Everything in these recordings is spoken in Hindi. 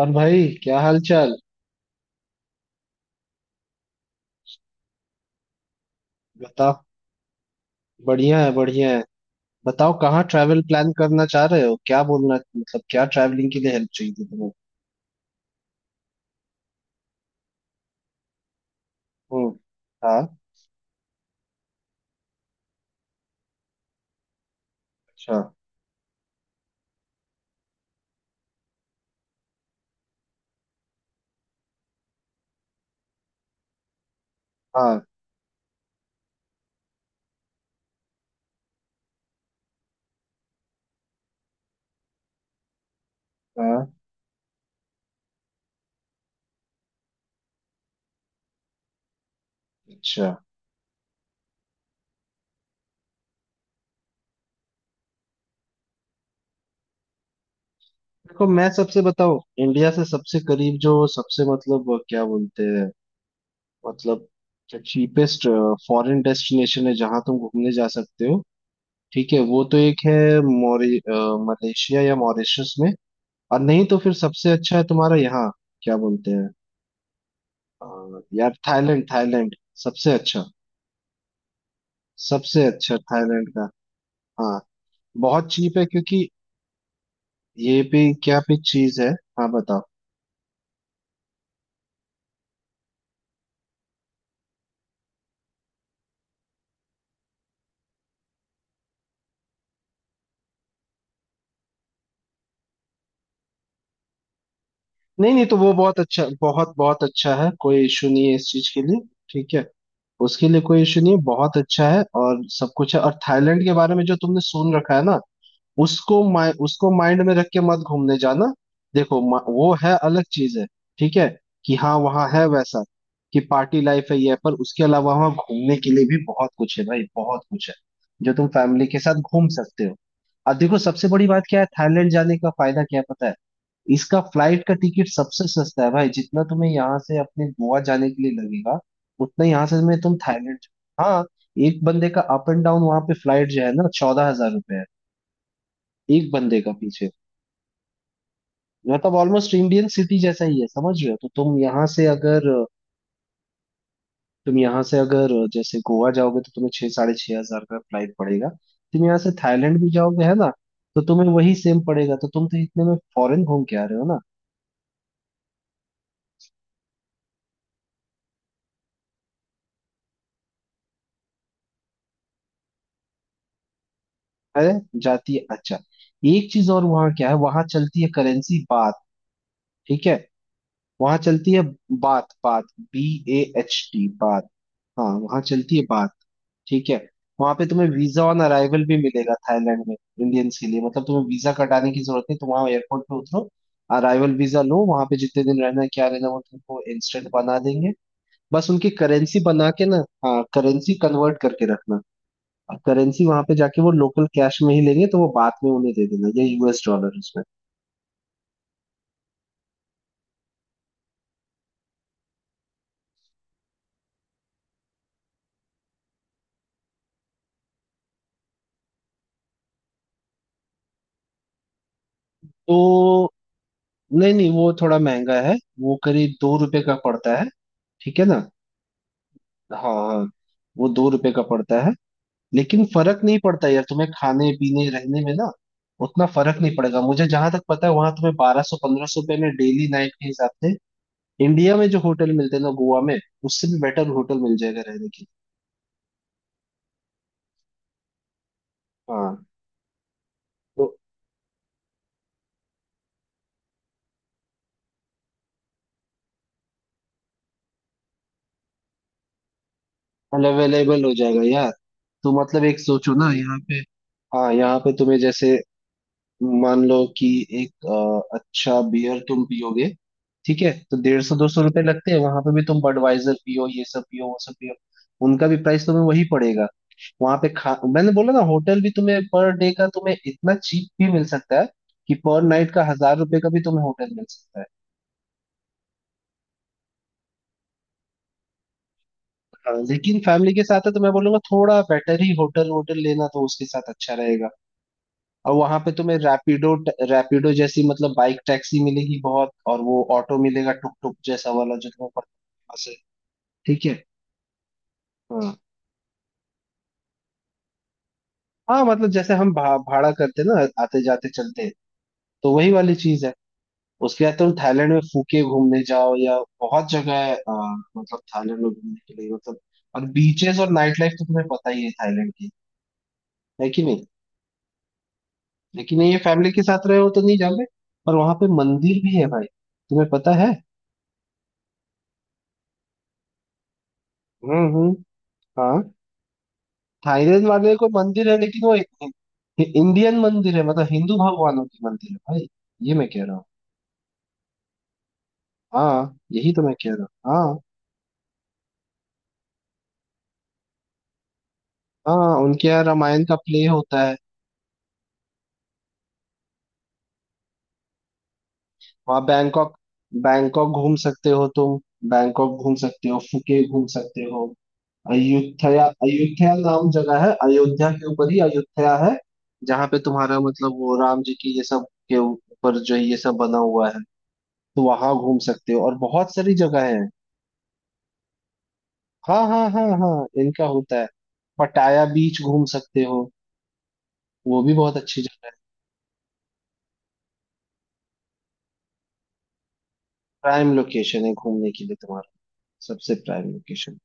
और भाई, क्या हाल चाल? बताओ। बढ़िया है, बढ़िया है। बताओ, कहाँ ट्रैवल प्लान करना चाह रहे हो, क्या बोलना? मतलब क्या ट्रैवलिंग के लिए हेल्प चाहिए थी तुम्हें? हम्म। हाँ। अच्छा। हाँ हाँ। अच्छा। देखो मैं सबसे बताऊं, इंडिया से सबसे करीब जो, सबसे, मतलब क्या बोलते हैं, मतलब चीपेस्ट फॉरेन डेस्टिनेशन है जहाँ तुम घूमने जा सकते हो। ठीक है, वो तो एक है। मोरी मलेशिया या मॉरिशस में। और नहीं तो फिर सबसे अच्छा है तुम्हारा, यहाँ क्या बोलते हैं। हाँ, यार थाईलैंड, थाईलैंड सबसे अच्छा, सबसे अच्छा थाईलैंड का। हाँ। बहुत चीप है क्योंकि ये भी क्या भी चीज है। हाँ बताओ। नहीं नहीं, तो वो बहुत अच्छा, बहुत बहुत अच्छा है, कोई इशू नहीं है इस चीज के लिए। ठीक है। उसके लिए कोई इशू नहीं है, बहुत अच्छा है और सब कुछ है। और थाईलैंड के बारे में जो तुमने सुन रखा है ना, उसको माइंड में रख के मत घूमने जाना। देखो वो है, अलग चीज है। ठीक है। कि हाँ वहाँ है वैसा, कि पार्टी लाइफ है ये है, पर उसके अलावा वहाँ घूमने के लिए भी बहुत कुछ है भाई, बहुत कुछ है, जो तुम फैमिली के साथ घूम सकते हो। अब देखो सबसे बड़ी बात क्या है, थाईलैंड जाने का फायदा क्या है पता है? इसका फ्लाइट का टिकट सबसे सस्ता है भाई। जितना तुम्हें यहाँ से अपने गोवा जाने के लिए लगेगा, उतना यहाँ से में तुम थाईलैंड। हाँ। एक बंदे का अप एंड डाउन वहां पे फ्लाइट जो है ना, 14,000 रुपए है, एक बंदे का पीछे। मतलब ऑलमोस्ट इंडियन सिटी जैसा ही है, समझ रहे हो? तो तुम यहाँ से अगर जैसे गोवा जाओगे तो तुम्हें छह, साढ़े छह हजार का फ्लाइट पड़ेगा। तुम यहाँ से थाईलैंड भी जाओगे है ना, तो तुम्हें वही सेम पड़ेगा, तो तुम तो इतने में फॉरेन घूम के आ रहे हो ना। अरे, जाती है, अच्छा। एक चीज और, वहाँ क्या है, वहां चलती है करेंसी, बात। ठीक है। वहां चलती है बात, बात, BAHT, बात। हाँ, वहां चलती है बात। ठीक है। वहां पे तुम्हें वीजा ऑन अराइवल भी मिलेगा थाईलैंड में, इंडियंस के लिए। मतलब तुम्हें वीजा कटाने की जरूरत नहीं, तुम वहां एयरपोर्ट पे उतरो, अराइवल वीजा लो। वहां पे जितने दिन रहना है, क्या रहना है, वो तुमको इंस्टेंट बना देंगे, बस उनकी करेंसी बना के ना। हाँ, करेंसी कन्वर्ट करके रखना। और करेंसी वहां पे जाके वो लोकल कैश में ही लेंगे, तो वो बाद में उन्हें दे देना, या यूएस डॉलर उसमें। तो नहीं नहीं, वो थोड़ा महंगा है, वो करीब 2 रुपए का पड़ता है। ठीक है ना? हाँ हाँ, वो 2 रुपए का पड़ता है। लेकिन फर्क नहीं पड़ता यार तुम्हें खाने पीने रहने में ना, उतना फर्क नहीं पड़ेगा। मुझे जहां तक पता है, वहां तुम्हें 1200, 1500 रुपए में डेली नाइट के हिसाब से, इंडिया में जो होटल मिलते हैं ना गोवा में, उससे भी बेटर होटल मिल जाएगा रहने के लिए। हाँ, तो अवेलेबल हो जाएगा यार। तो मतलब एक सोचो ना, यहाँ पे, हाँ यहाँ पे तुम्हें जैसे, मान लो कि एक, अच्छा बियर तुम पियोगे, ठीक है, तो 150 200 रुपए लगते हैं। वहां पे भी तुम बडवाइजर पियो, ये सब पियो, वो सब पियो, उनका भी प्राइस तुम्हें वही पड़ेगा। वहां पे खा, मैंने बोला ना, होटल भी तुम्हें पर डे का तुम्हें इतना चीप भी मिल सकता है कि पर नाइट का 1,000 रुपए का भी तुम्हें होटल मिल सकता है। हाँ लेकिन फैमिली के साथ है तो मैं बोलूंगा थोड़ा बेटर ही होटल, होटल लेना, तो उसके साथ अच्छा रहेगा। और वहां पे तुम्हें रैपिडो, रैपिडो जैसी मतलब बाइक टैक्सी मिलेगी बहुत, और वो ऑटो मिलेगा टुक टुक जैसा वाला, जो तुम्हें पता है वहाँ से। ठीक है। हाँ। हाँ मतलब जैसे हम भाड़ा करते ना आते जाते चलते, तो वही वाली चीज है। उसके बाद तुम थाईलैंड में फूके घूमने जाओ, या बहुत जगह है, मतलब थाईलैंड में घूमने के लिए, मतलब, और बीचेस और नाइट लाइफ तो तुम्हें पता ही है थाईलैंड की, है कि नहीं। लेकिन ये फैमिली के साथ रहे हो तो नहीं जाओगे। और वहां पे मंदिर भी है भाई, तुम्हें पता है। हम्म। हाँ, थाईलैंड वाले को मंदिर है लेकिन वो इंडियन मंदिर है, मतलब हिंदू भगवानों की मंदिर है भाई, ये मैं कह रहा हूँ। हाँ यही तो मैं कह रहा हूँ। हाँ, हाँ, उनके यहाँ रामायण का प्ले होता है। वहाँ बैंकॉक, बैंकॉक घूम सकते हो तुम। बैंकॉक घूम सकते हो, फुके घूम सकते हो, अयुथया, अयुथया नाम जगह है, अयोध्या के ऊपर ही अयुथया है, जहाँ पे तुम्हारा मतलब वो राम जी की ये सब के ऊपर जो है ये सब बना हुआ है। तो वहां घूम सकते हो और बहुत सारी जगह है। हाँ हाँ हाँ हाँ, इनका होता है। पटाया बीच घूम सकते हो, वो भी बहुत अच्छी जगह है। प्राइम लोकेशन है घूमने के लिए तुम्हारा, सबसे प्राइम लोकेशन।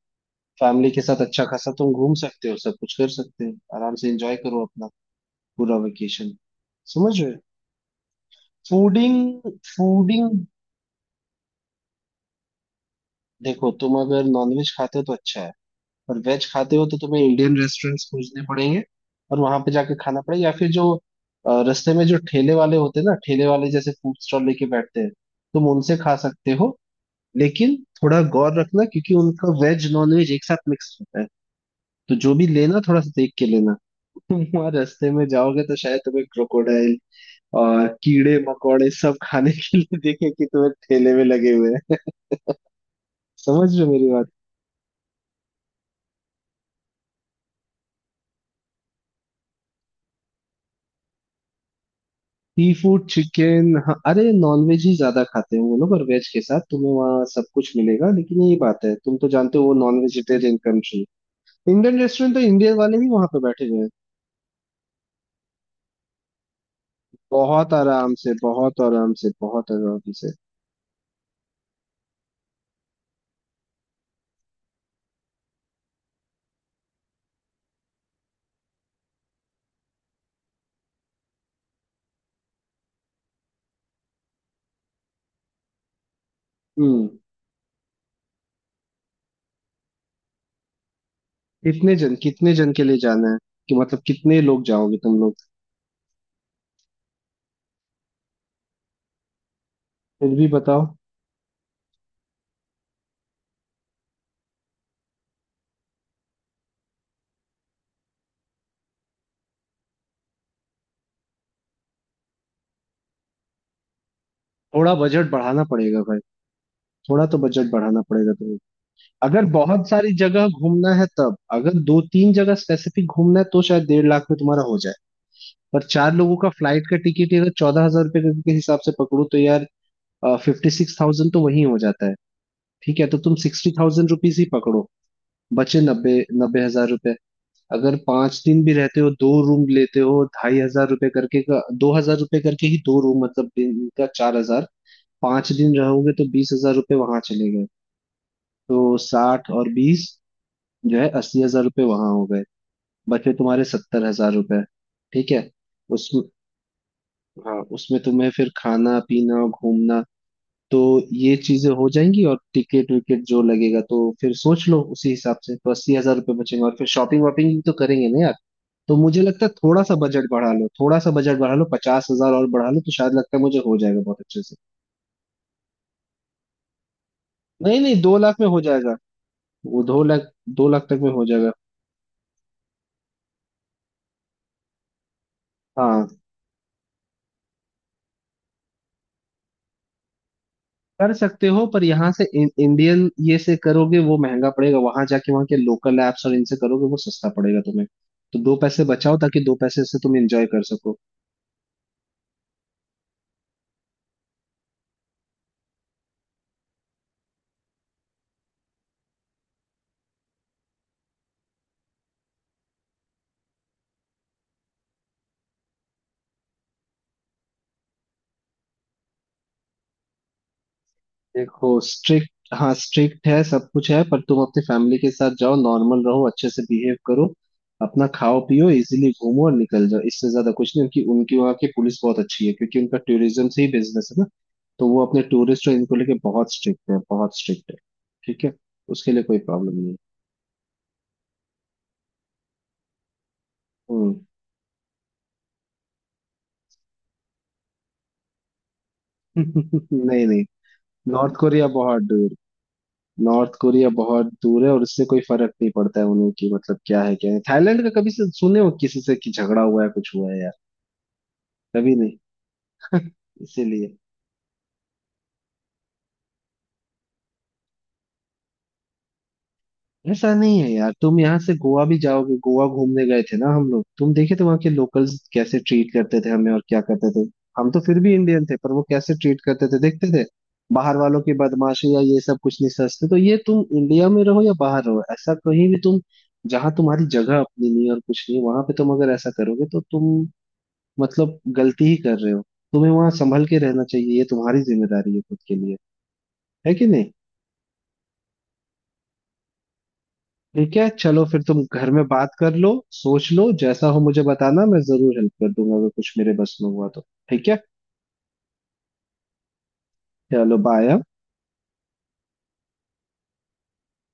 फैमिली के साथ अच्छा खासा तुम घूम सकते हो, सब कुछ कर सकते हो, आराम से एंजॉय करो अपना पूरा वेकेशन, समझ रहे हो? फूडिंग, फूडिंग, देखो तुम अगर नॉनवेज खाते हो तो अच्छा है, और वेज खाते हो तो तुम्हें इंडियन रेस्टोरेंट्स खोजने पड़ेंगे और वहां पे जाके खाना पड़ेगा, या फिर जो रास्ते में जो ठेले वाले होते हैं ना, ठेले वाले जैसे फूड स्टॉल लेके बैठते हैं, तुम उनसे खा सकते हो। लेकिन थोड़ा गौर रखना क्योंकि उनका वेज नॉन वेज एक साथ मिक्स होता है, तो जो भी लेना थोड़ा सा देख के लेना। तुम वहां रास्ते में जाओगे तो शायद तुम्हें क्रोकोडाइल और कीड़े मकोड़े सब खाने के लिए देखे कि तुम्हें ठेले में लगे हुए हैं, समझ रहे हो मेरी बात? सी फूड चिकन, हाँ, अरे नॉनवेज ही ज्यादा खाते हैं वो लोग, और वेज के साथ तुम्हें वहाँ सब कुछ मिलेगा, लेकिन यही बात है तुम तो जानते हो वो non vegetarian country. Indian restaurant तो इंडियन वाले ही वहां पे बैठे हुए हैं, बहुत आराम से, बहुत आराम से, बहुत आराम से। हम्म। कितने जन के लिए जाना है, कि मतलब कितने लोग जाओगे तुम लोग? फिर भी बताओ। थोड़ा बजट बढ़ाना पड़ेगा भाई, थोड़ा तो बजट बढ़ाना पड़ेगा तुम्हें। अगर बहुत सारी जगह घूमना है, तब अगर दो तीन जगह स्पेसिफिक घूमना है तो शायद 1.5 लाख में तुम्हारा हो जाए। पर 4 लोगों का फ्लाइट का टिकट ही अगर 14,000 रुपये के हिसाब से पकड़ो, तो यार 56,000 तो वही हो जाता है। ठीक है, तो तुम 60,000 रुपीज ही पकड़ो। बचे नब्बे, 90,000 रुपए। अगर 5 दिन भी रहते हो, 2 रूम लेते हो, 2,500 रुपए करके का, 2,000 रुपए करके ही, 2 रूम मतलब दिन का 4,000, 5 दिन रहोगे तो 20,000 रुपए वहां चले गए। तो साठ और बीस जो है, 80,000 रुपये वहां हो गए, बचे तुम्हारे 70,000 रुपये। ठीक है, उसमें, हाँ उसमें तुम्हें फिर खाना पीना घूमना, तो ये चीजें हो जाएंगी और टिकट विकेट जो लगेगा तो फिर सोच लो उसी हिसाब से, तो 80,000 रुपये बचेंगे और फिर शॉपिंग वॉपिंग भी तो करेंगे ना यार। तो मुझे लगता है थोड़ा सा बजट बढ़ा लो, थोड़ा सा बजट बढ़ा लो, 50,000 और बढ़ा लो तो शायद लगता है मुझे हो जाएगा बहुत अच्छे से। नहीं नहीं, 2 लाख में हो जाएगा, वो 2 लाख, 2 लाख तक में हो जाएगा। हाँ, कर सकते हो, पर यहाँ से इंडियन ये से करोगे वो महंगा पड़ेगा, वहां जाके वहां के लोकल एप्स और इनसे करोगे वो सस्ता पड़ेगा तुम्हें, तो दो पैसे बचाओ ताकि दो पैसे से तुम एंजॉय कर सको। देखो स्ट्रिक्ट, हाँ स्ट्रिक्ट है सब कुछ है, पर तुम अपनी फैमिली के साथ जाओ, नॉर्मल रहो, अच्छे से बिहेव करो, अपना खाओ पियो, इजीली घूमो और निकल जाओ, इससे ज्यादा कुछ नहीं। उनकी उनकी वहाँ की पुलिस बहुत अच्छी है क्योंकि उनका टूरिज्म से ही बिजनेस है ना, तो वो अपने टूरिस्ट और इनको लेके बहुत स्ट्रिक्ट है, बहुत स्ट्रिक्ट है। ठीक है। उसके लिए कोई प्रॉब्लम नहीं है। हम्म। नहीं नहीं, नॉर्थ कोरिया बहुत दूर, नॉर्थ कोरिया बहुत दूर है, और उससे कोई फर्क नहीं पड़ता है उन्हें कि, मतलब क्या है, क्या है थाईलैंड का कभी से सुने हो किसी से कि झगड़ा हुआ है कुछ हुआ है यार? कभी नहीं। इसीलिए। ऐसा नहीं है यार। तुम यहाँ से गोवा भी जाओगे, गोवा घूमने गए थे ना हम लोग, तुम देखे थे वहाँ के लोकल्स कैसे ट्रीट करते थे हमें और क्या करते थे। हम तो फिर भी इंडियन थे, पर वो कैसे ट्रीट करते थे देखते थे, बाहर वालों की बदमाशी या ये सब कुछ नहीं सोचते। तो ये तुम इंडिया में रहो या बाहर रहो, ऐसा कहीं भी तुम, जहाँ तुम्हारी जगह अपनी नहीं और कुछ नहीं, वहां पे तुम अगर ऐसा करोगे तो तुम मतलब गलती ही कर रहे हो। तुम्हें वहां संभल के रहना चाहिए, ये तुम्हारी जिम्मेदारी है खुद के लिए, है कि नहीं। ठीक है, चलो फिर तुम घर में बात कर लो, सोच लो जैसा हो मुझे बताना, मैं जरूर हेल्प कर दूंगा अगर कुछ मेरे बस में हुआ तो। ठीक है, चलो बाय।